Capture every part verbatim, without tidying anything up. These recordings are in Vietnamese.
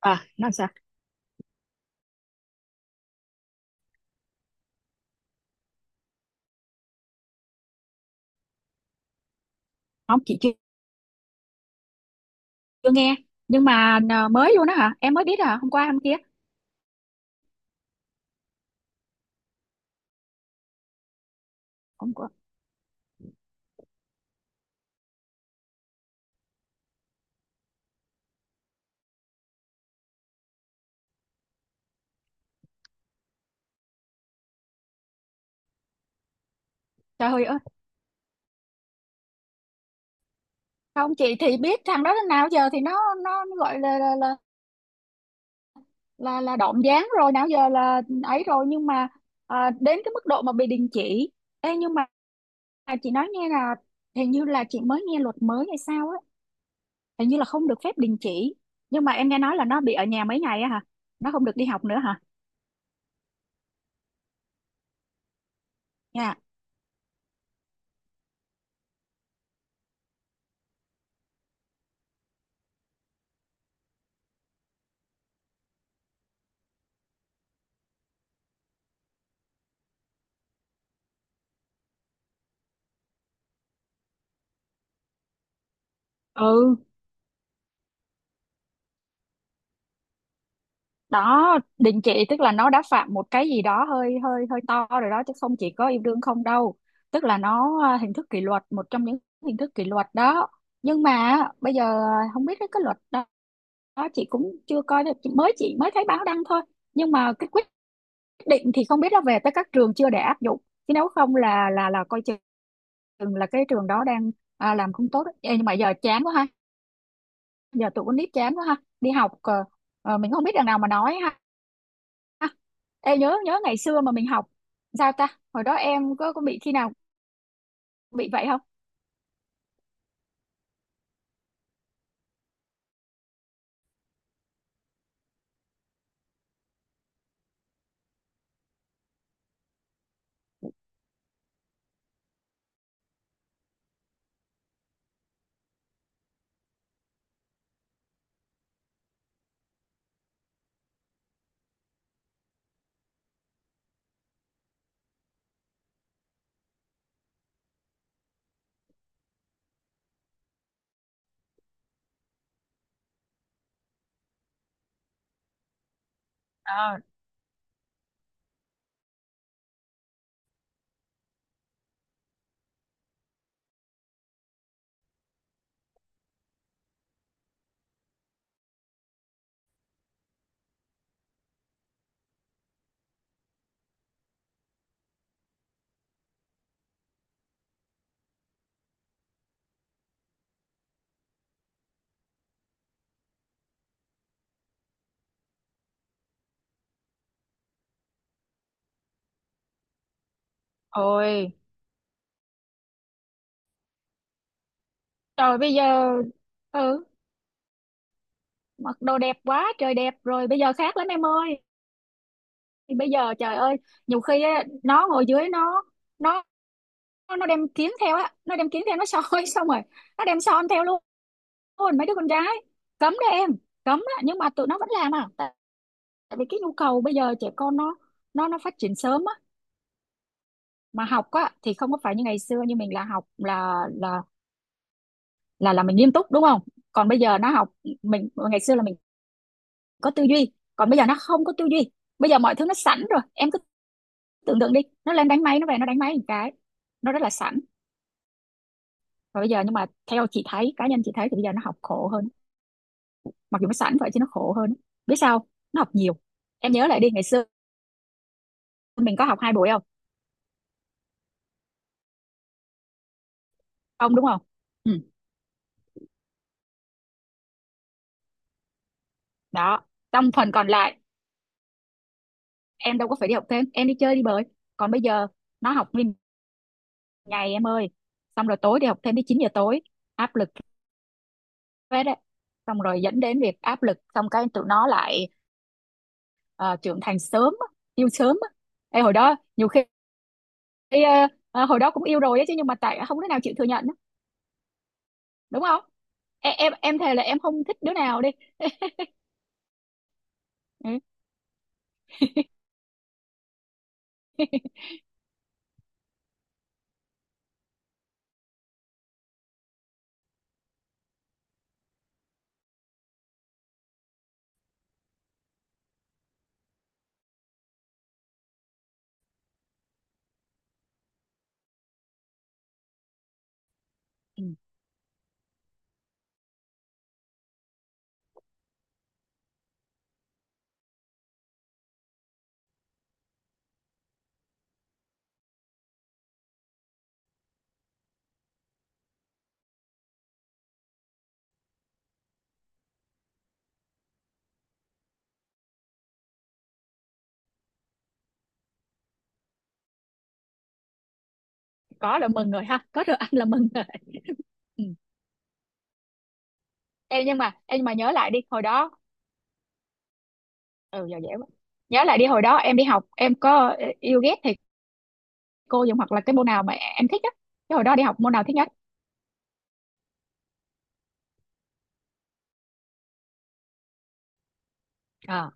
À, làm sao? Không, chị chưa, chưa nghe. Nhưng mà à, mới luôn đó hả? Em mới biết hả? Hôm qua hôm kia? Hôm qua? Trời ơi. Không, chị thì biết thằng đó đến nào giờ thì nó nó nó gọi là là là là, là động dáng rồi nào giờ là ấy rồi, nhưng mà à, đến cái mức độ mà bị đình chỉ. Ê, nhưng mà à, chị nói nghe là hình như là chị mới nghe luật mới hay sao á. Hình như là không được phép đình chỉ, nhưng mà em nghe nói là nó bị ở nhà mấy ngày á hả? Nó không được đi học nữa hả? Nha. Ừ, đó, đình chỉ tức là nó đã phạm một cái gì đó hơi hơi hơi to rồi đó, chứ không chỉ có yêu đương không đâu. Tức là nó à, hình thức kỷ luật, một trong những hình thức kỷ luật đó. Nhưng mà bây giờ à, không biết cái, cái luật đó, đó chị cũng chưa coi được. Chị- mới chị mới thấy báo đăng thôi, nhưng mà cái quyết định thì không biết là về tới các trường chưa để áp dụng. Chứ nếu không là là là coi chừng chừng là cái trường đó đang à, làm không tốt đấy. Ê, nhưng mà giờ chán quá ha. Giờ tụi con nít chán quá ha, đi học ờ, ờ, mình không biết đằng nào mà nói ha. Ê, nhớ nhớ ngày xưa mà mình học sao ta? Hồi đó em có có bị khi nào bị vậy không? À, ôi trời, bây giờ ừ, mặc đồ đẹp quá trời đẹp rồi, bây giờ khác lắm em ơi. Bây giờ trời ơi, nhiều khi á, nó ngồi dưới nó nó nó đem kiếm theo á, nó đem kiếm theo nó soi xong rồi, nó đem son theo luôn, luôn mấy đứa con gái. Cấm đấy em, cấm á, nhưng mà tụi nó vẫn làm à. Tại tại vì cái nhu cầu bây giờ trẻ con nó nó nó phát triển sớm á, mà học á thì không có phải như ngày xưa, như mình là học là là là là mình nghiêm túc đúng không. Còn bây giờ nó học, mình ngày xưa là mình có tư duy, còn bây giờ nó không có tư duy. Bây giờ mọi thứ nó sẵn rồi, em cứ tưởng tượng đi, nó lên đánh máy nó về nó đánh máy một cái, nó rất là sẵn. Và bây giờ, nhưng mà theo chị thấy, cá nhân chị thấy thì bây giờ nó học khổ hơn. Mặc dù nó sẵn vậy chứ nó khổ hơn, biết sao không? Nó học nhiều. Em nhớ lại đi, ngày xưa mình có học hai buổi không? Không, đúng không. Ừ, đó, trong phần còn lại em đâu có phải đi học thêm, em đi chơi đi bời. Còn bây giờ nó học nguyên ngày em ơi, xong rồi tối đi học thêm tới chín giờ tối, áp lực hết đấy. Xong rồi dẫn đến việc áp lực, xong cái tụi nó lại ờ, trưởng thành sớm á, yêu sớm á. Ê, hồi đó nhiều khi ờ, ờ, hồi đó cũng yêu rồi á chứ, nhưng mà tại không đứa nào chịu thừa nhận á, đúng không. Em em em thề là em không thích đứa nào đi. Ừ. Ừ, có là mừng rồi ha, có được anh là mừng rồi. Ừ. em nhưng mà em nhưng mà nhớ lại đi hồi đó, ừ giờ dễ quá. Nhớ lại đi hồi đó em đi học, em có ờ, yêu ghét thầy cô gì hoặc là cái môn nào mà em thích á. Cái hồi đó đi học môn nào thích nhất? À,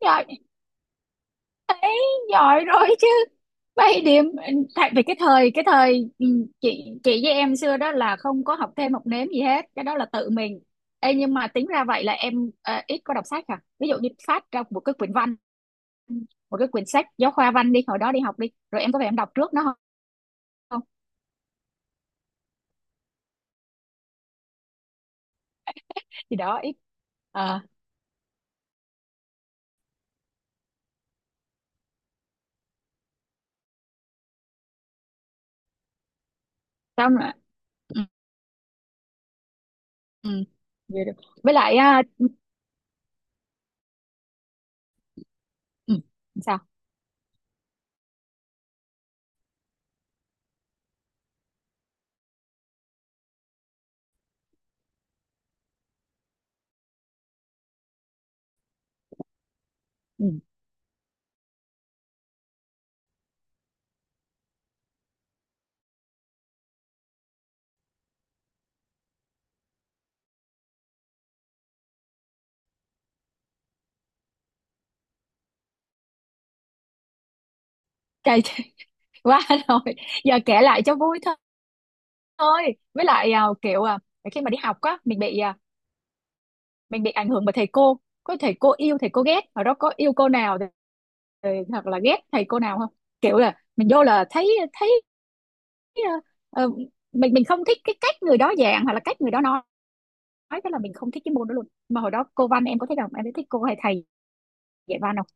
giỏi ấy, giỏi rồi chứ, bảy điểm. Tại vì cái thời cái thời ừ, chị chị với em xưa đó là không có học thêm học nếm gì hết, cái đó là tự mình. Ê, nhưng mà tính ra vậy là em ờ, ít có đọc sách à. Ví dụ như phát ra một cái quyển văn, một cái quyển sách giáo khoa văn đi, hồi đó đi học đi rồi em có phải em đọc trước nó không? Không? Thì đó ít à, xong rồi ừ, ừ, vậy được. Với lại à, ừ, sao ừ, cay quá rồi. Giờ kể lại cho vui thôi, thôi. Với lại à, kiểu à, khi mà đi học á mình bị à, mình bị ảnh hưởng bởi thầy cô. Có thầy cô yêu thầy cô ghét ở đó, có yêu cô nào thì, thì, hoặc là ghét thầy cô nào không? Kiểu là mình vô là thấy thấy ờ, ờ, mình mình không thích cái cách người đó giảng hoặc là cách người đó nói nói là mình không thích cái môn đó luôn. Mà hồi đó cô văn em có thích không, em có thích cô hay thầy dạy văn không?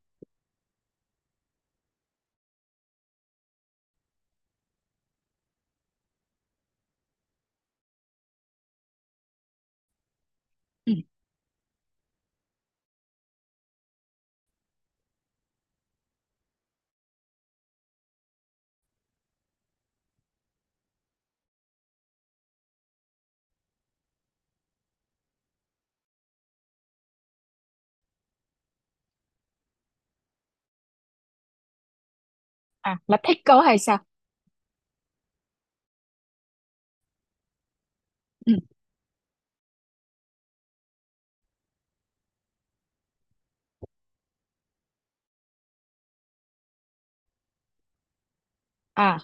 Ừ. À, là thích cô hay sao? Ừ. À.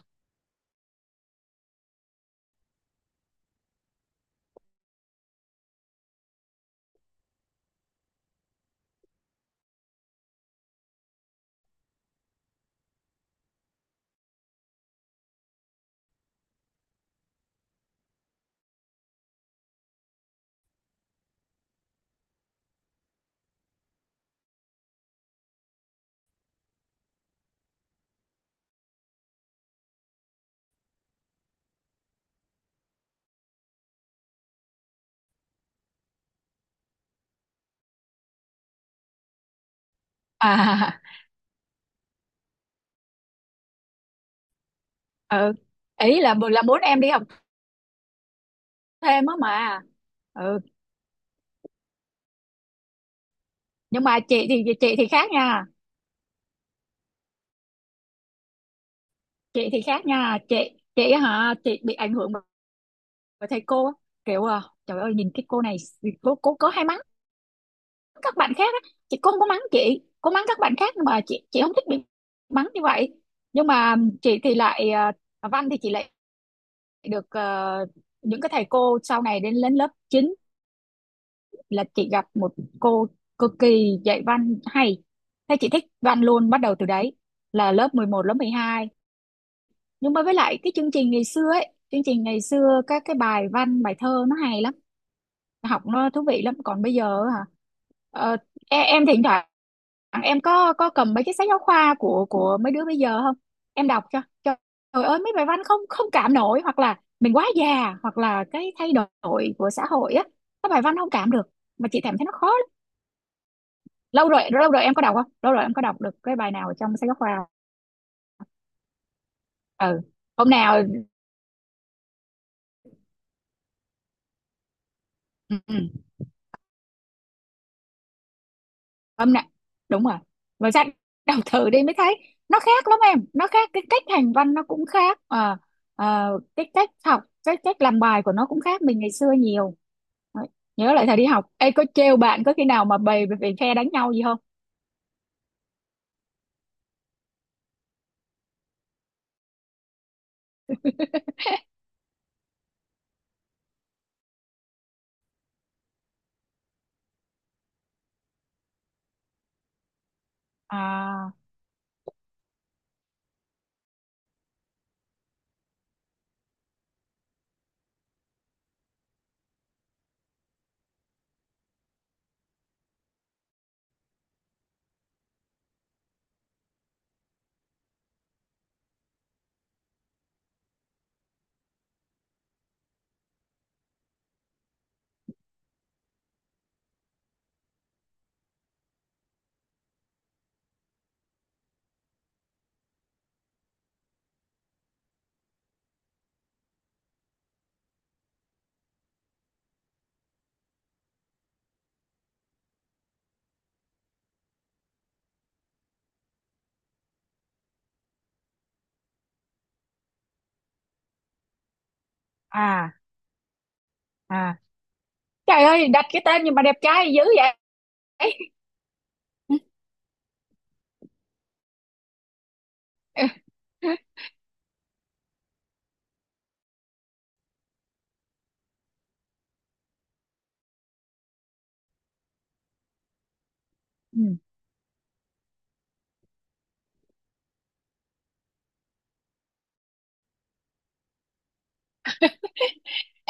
À. Ừ. Ý là là muốn em đi học thêm á mà. Ừ, nhưng mà chị thì chị thì khác nha. Chị thì khác nha, chị chị hả? Chị bị ảnh hưởng bởi thầy cô á. Kiểu à, trời ơi, nhìn cái cô này, cô cô có hay mắng các bạn khác á, chị cô không có mắng chị, cô mắng các bạn khác, nhưng mà chị chị không thích bị mắng như vậy. Nhưng mà chị thì lại à, văn thì chị lại được ờ, những cái thầy cô sau này, đến lên lớp chín là chị gặp một cô cực kỳ dạy văn hay, thế chị thích văn luôn bắt đầu từ đấy, là lớp mười một lớp mười hai. Nhưng mà với lại cái chương trình ngày xưa ấy, chương trình ngày xưa các cái bài văn bài thơ nó hay lắm, học nó thú vị lắm. Còn bây giờ hả, ờ, em, em thỉnh thoảng em có có cầm mấy cái sách giáo khoa của của mấy đứa bây giờ không, em đọc cho cho trời ơi, mấy bài văn không không cảm nổi. Hoặc là mình quá già, hoặc là cái thay đổi của xã hội á, các bài văn không cảm được mà chị cảm thấy nó khó lắm. lâu rồi lâu rồi em có đọc không, lâu rồi em có đọc được cái bài nào trong sách giáo khoa? Ừ, hôm nào. Ừ. Ừ. Âm nè, đúng rồi, và ra đọc thử đi mới thấy nó khác lắm em. Nó khác cái cách hành văn nó cũng khác à, à, cái cách học cái cách làm bài của nó cũng khác mình ngày xưa nhiều. Đấy. Nhớ lại thời đi học. Ê, có trêu bạn có khi nào mà bày về phe đánh nhau gì không? À. À. À, trời ơi, đặt cái tên nhưng mà đẹp trai dữ vậy. Ừ.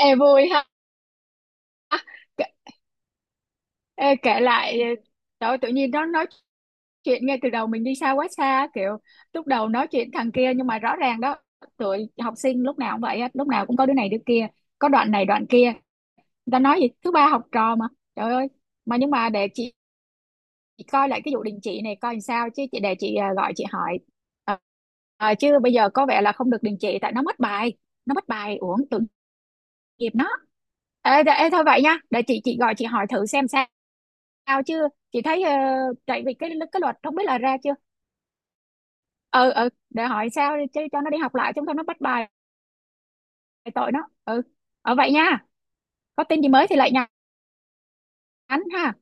Ê vui ha. Kể- ê, kể lại ờ, trời ơi, tự nhiên nó nói chuyện ngay từ đầu mình đi xa quá xa, kiểu lúc đầu nói chuyện thằng kia. Nhưng mà rõ ràng đó, tụi học sinh lúc nào cũng vậy á, lúc nào cũng có đứa này đứa kia, có đoạn này đoạn kia, người ta nói gì thứ ba học trò mà. Trời ơi. Mà nhưng mà để chị chị coi lại cái vụ đình chỉ này coi làm sao chứ, chị để chị à, gọi chị hỏi. Ờ, ờ, chứ bây giờ có vẻ là không được đình chỉ, tại nó mất bài, nó mất bài uổng tội nghiệp nó. Ê, đ- ê thôi vậy nha, để chị chị gọi chị hỏi thử xem sao. Sao chứ chị thấy ờ, tại vì cái cái luật không biết là ra chưa. Ừ ừ, để hỏi sao đi chứ, cho nó đi học lại, chứ không thôi nó bắt bài tội nó. Ừ. Ở vậy nha, có tin gì mới thì lại nhắn ha.